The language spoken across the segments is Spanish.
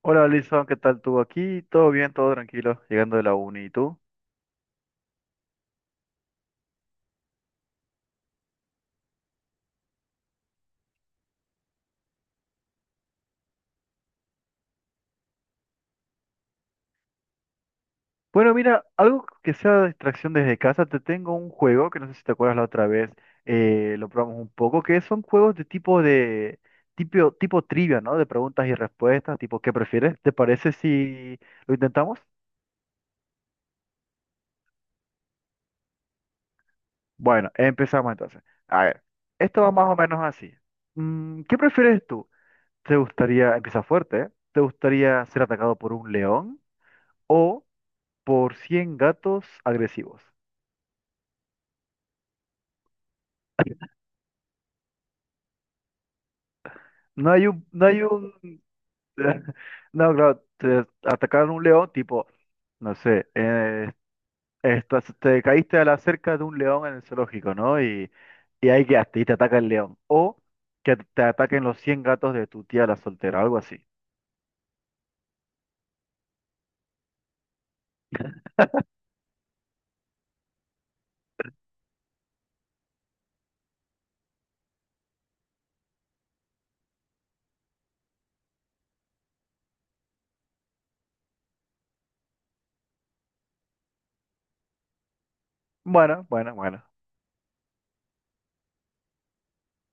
Hola, Alison, ¿qué tal tú aquí? ¿Todo bien, todo tranquilo, llegando de la uni, y tú? Bueno, mira, algo que sea distracción desde casa, te tengo un juego que no sé si te acuerdas la otra vez, lo probamos un poco, que son juegos de tipo trivia, ¿no? De preguntas y respuestas, tipo, ¿qué prefieres? ¿Te parece si lo intentamos? Bueno, empezamos entonces. A ver, esto va más o menos así. ¿Qué prefieres tú? ¿Te gustaría? Empieza fuerte, ¿eh? ¿Te gustaría ser atacado por un león o por 100 gatos agresivos? No hay un, no, claro, te atacaron un león, tipo, no sé, te caíste a la cerca de un león en el zoológico, ¿no? Y ahí quedaste, y te ataca el león. O que te ataquen los 100 gatos de tu tía la soltera, algo así. Bueno, bueno, bueno.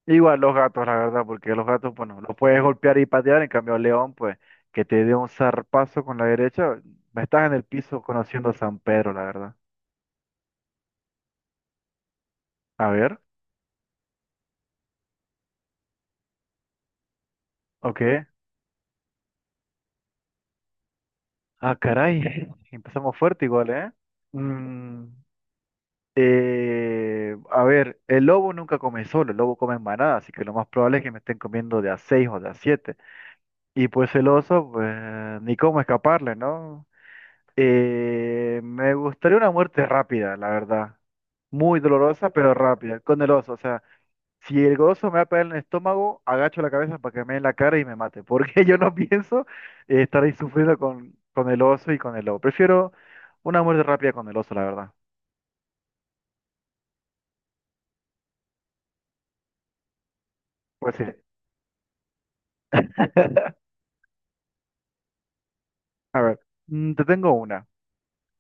Igual los gatos, la verdad, porque los gatos, bueno, los puedes golpear y patear, en cambio el león, pues, que te dé un zarpazo con la derecha, estás en el piso conociendo a San Pedro, la verdad. A ver, ok. Ah, caray. Empezamos fuerte igual, ¿eh? Mm, a ver, el lobo nunca come solo, el lobo come en manada, así que lo más probable es que me estén comiendo de a seis o de a siete. Y pues el oso, pues ni cómo escaparle, ¿no? Me gustaría una muerte rápida, la verdad. Muy dolorosa, pero rápida, con el oso, o sea. Si el gozo me va a pegar en el estómago, agacho la cabeza para que me dé en la cara y me mate, porque yo no pienso estar ahí sufriendo con, el oso y con el lobo. Prefiero una muerte rápida con el oso, la verdad. Pues sí. A ver, te tengo una.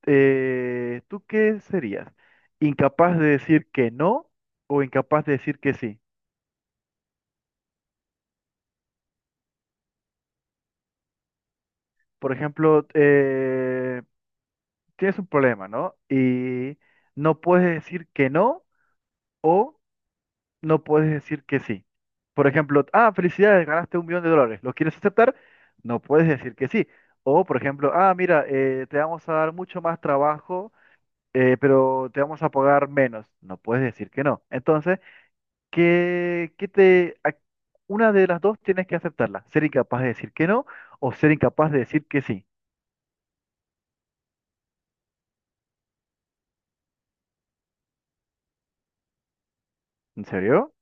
¿Tú qué serías? ¿Incapaz de decir que no o incapaz de decir que sí? Por ejemplo, tienes un problema, ¿no? Y no puedes decir que no. No puedes decir que sí. Por ejemplo, ah, felicidades, ganaste 1 millón de dólares, ¿lo quieres aceptar? No puedes decir que sí. O, por ejemplo, ah, mira, te vamos a dar mucho más trabajo, pero te vamos a pagar menos. No puedes decir que no. Entonces, ¿qué, qué te, a- una de las dos tienes que aceptarla: ser incapaz de decir que no o ser incapaz de decir que sí. ¿En serio?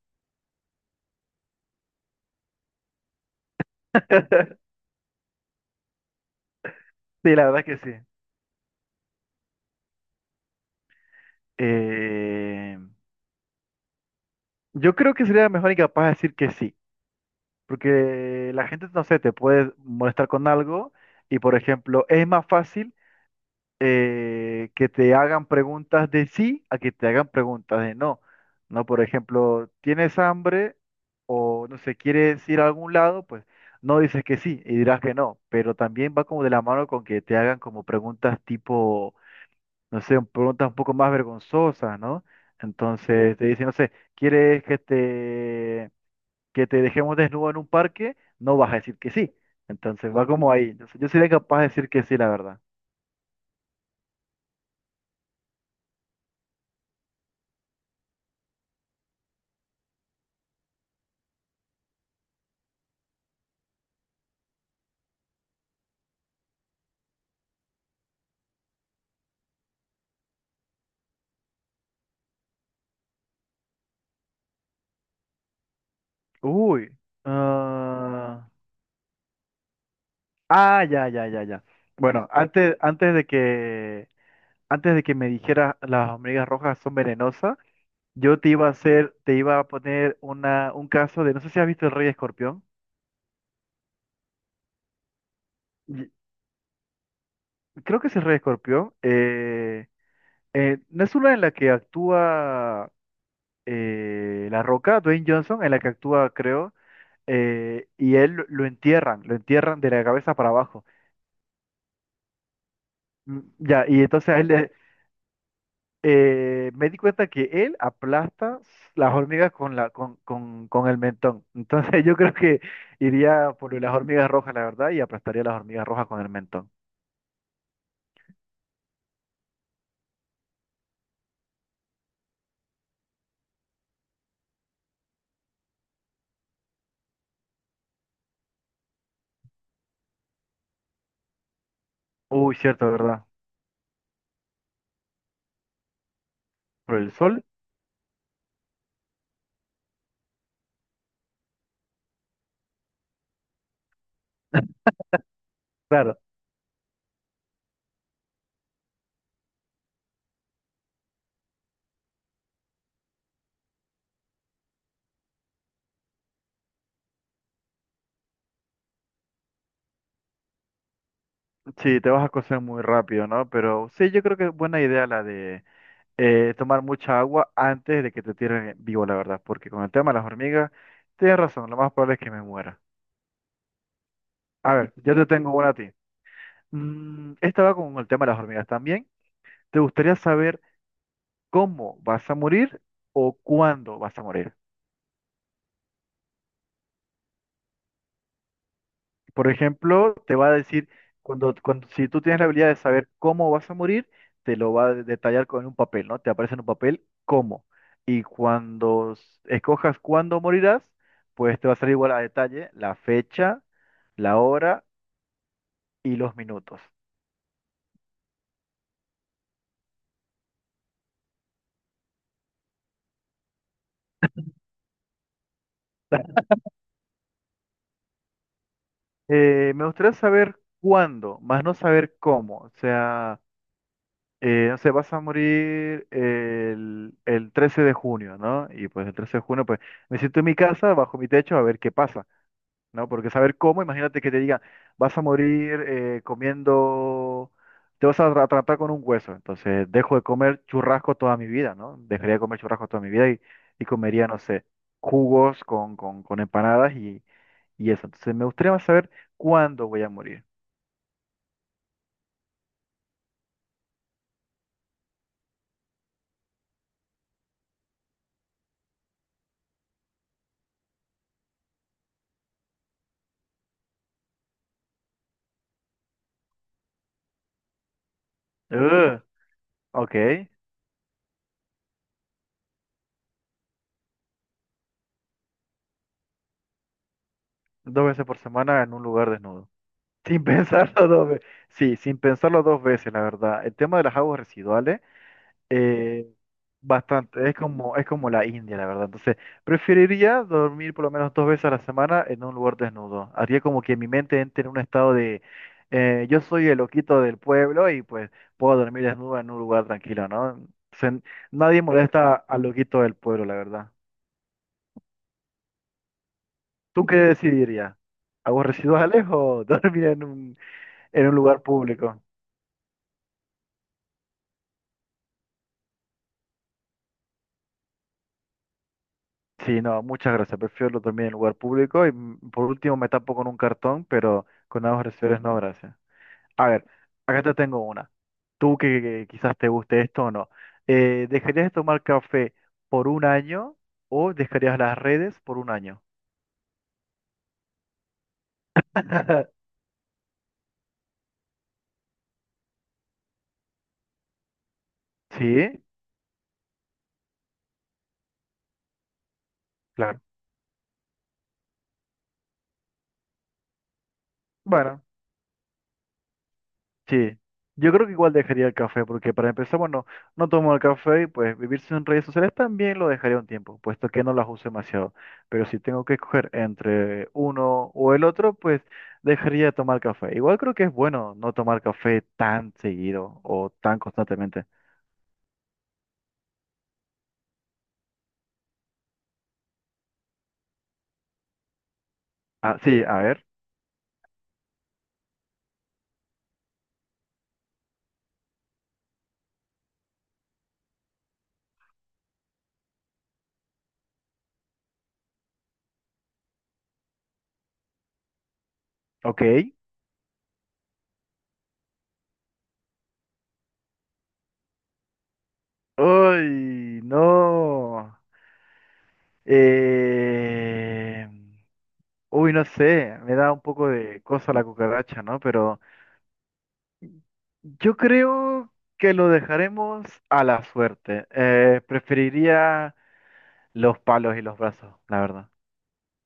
Sí, la verdad que sí. Eh, yo creo que sería mejor incapaz de decir que sí. Porque la gente, no sé, te puede molestar con algo y, por ejemplo, es más fácil que te hagan preguntas de sí a que te hagan preguntas de no. No, por ejemplo, ¿tienes hambre o, no sé, quieres ir a algún lado? Pues no dices que sí y dirás que no, pero también va como de la mano con que te hagan como preguntas tipo, no sé, preguntas un poco más vergonzosas, ¿no? Entonces te dicen, no sé, ¿quieres que te dejemos desnudo en un parque? No vas a decir que sí. Entonces va como ahí. Entonces, yo sería capaz de decir que sí, la verdad. Uy. ah, ah, ya, ya, ya, ya. Bueno, antes de que me dijeras las hormigas rojas son venenosas, yo te iba a poner un caso de, no sé si has visto El Rey Escorpión. Y- Creo que es El Rey Escorpión. No es una en la que actúa La Roca, Dwayne Johnson, en la que actúa, creo. Y él lo entierran, lo entierran de la cabeza para abajo. Ya, y entonces a él me di cuenta que él aplasta las hormigas con el mentón. Entonces yo creo que iría por las hormigas rojas, la verdad, y aplastaría las hormigas rojas con el mentón. Uy, cierto, ¿verdad? Por el sol, claro, sí, te vas a cocer muy rápido, ¿no? Pero sí, yo creo que es buena idea la de tomar mucha agua antes de que te tiren vivo, la verdad, porque con el tema de las hormigas, tienes razón, lo más probable es que me muera. A ver, yo te tengo una a ti. Esta va con el tema de las hormigas también. ¿Te gustaría saber cómo vas a morir o cuándo vas a morir? Por ejemplo, te va a decir, si tú tienes la habilidad de saber cómo vas a morir, te lo va a detallar con un papel, ¿no? Te aparece en un papel cómo. Y cuando escojas cuándo morirás, pues te va a salir igual a detalle la fecha, la hora y los minutos. Me gustaría saber cuándo, más no saber cómo. O sea... No sé, vas a morir el 13 de junio, ¿no? Y pues el 13 de junio, pues me siento en mi casa, bajo mi techo, a ver qué pasa, ¿no? Porque saber cómo, imagínate que te diga, vas a morir comiendo, te vas a tratar con un hueso, entonces dejo de comer churrasco toda mi vida, ¿no? Dejaría de comer churrasco toda mi vida y comería, no sé, jugos con empanadas y eso. Entonces me gustaría más saber cuándo voy a morir. Ugh, ok, dos veces por semana en un lugar desnudo. Sin pensarlo dos veces. Sí, sin pensarlo dos veces, la verdad. El tema de las aguas residuales, eh, bastante, es como la India, la verdad. Entonces, preferiría dormir por lo menos dos veces a la semana en un lugar desnudo. Haría como que mi mente entre en un estado de, yo soy el loquito del pueblo y pues puedo dormir desnudo en un lugar tranquilo, ¿no? Se- Nadie molesta al loquito del pueblo, la verdad. ¿Tú qué decidirías? ¿Aguas residuales o dormir en un lugar público? Sí, no, muchas gracias. Prefiero dormir en lugar público y por último me tapo con un cartón, pero con aguas residuales no, gracias. A ver, acá te tengo una. Tú que quizás te guste esto o no. ¿Dejarías de tomar café por un año o dejarías las redes por un año? Sí, claro. Bueno. Sí, yo creo que igual dejaría el café, porque para empezar, bueno, no tomo el café y pues vivir sin redes sociales también lo dejaría un tiempo, puesto que no las uso demasiado. Pero si tengo que escoger entre uno o el otro, pues dejaría de tomar café. Igual creo que es bueno no tomar café tan seguido o tan constantemente. Ah, sí, a ver, ok. Uy, no. Eh... Uy, no sé, me da un poco de cosa la cucaracha, ¿no? Pero... Yo creo que lo dejaremos a la suerte. Preferiría los palos y los brazos, la verdad.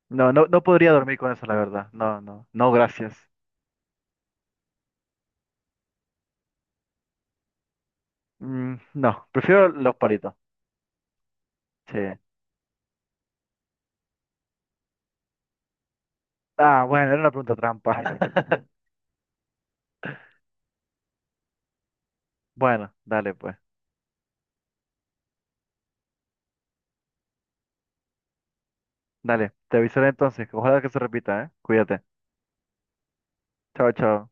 No, no, no podría dormir con eso, la verdad. No, no, no, gracias. Mm, no, prefiero los palitos. Sí. Ah, bueno, era una pregunta trampa. Bueno, dale pues. Dale, te avisaré entonces. Ojalá que se repita, ¿eh? Cuídate. Chao, chao.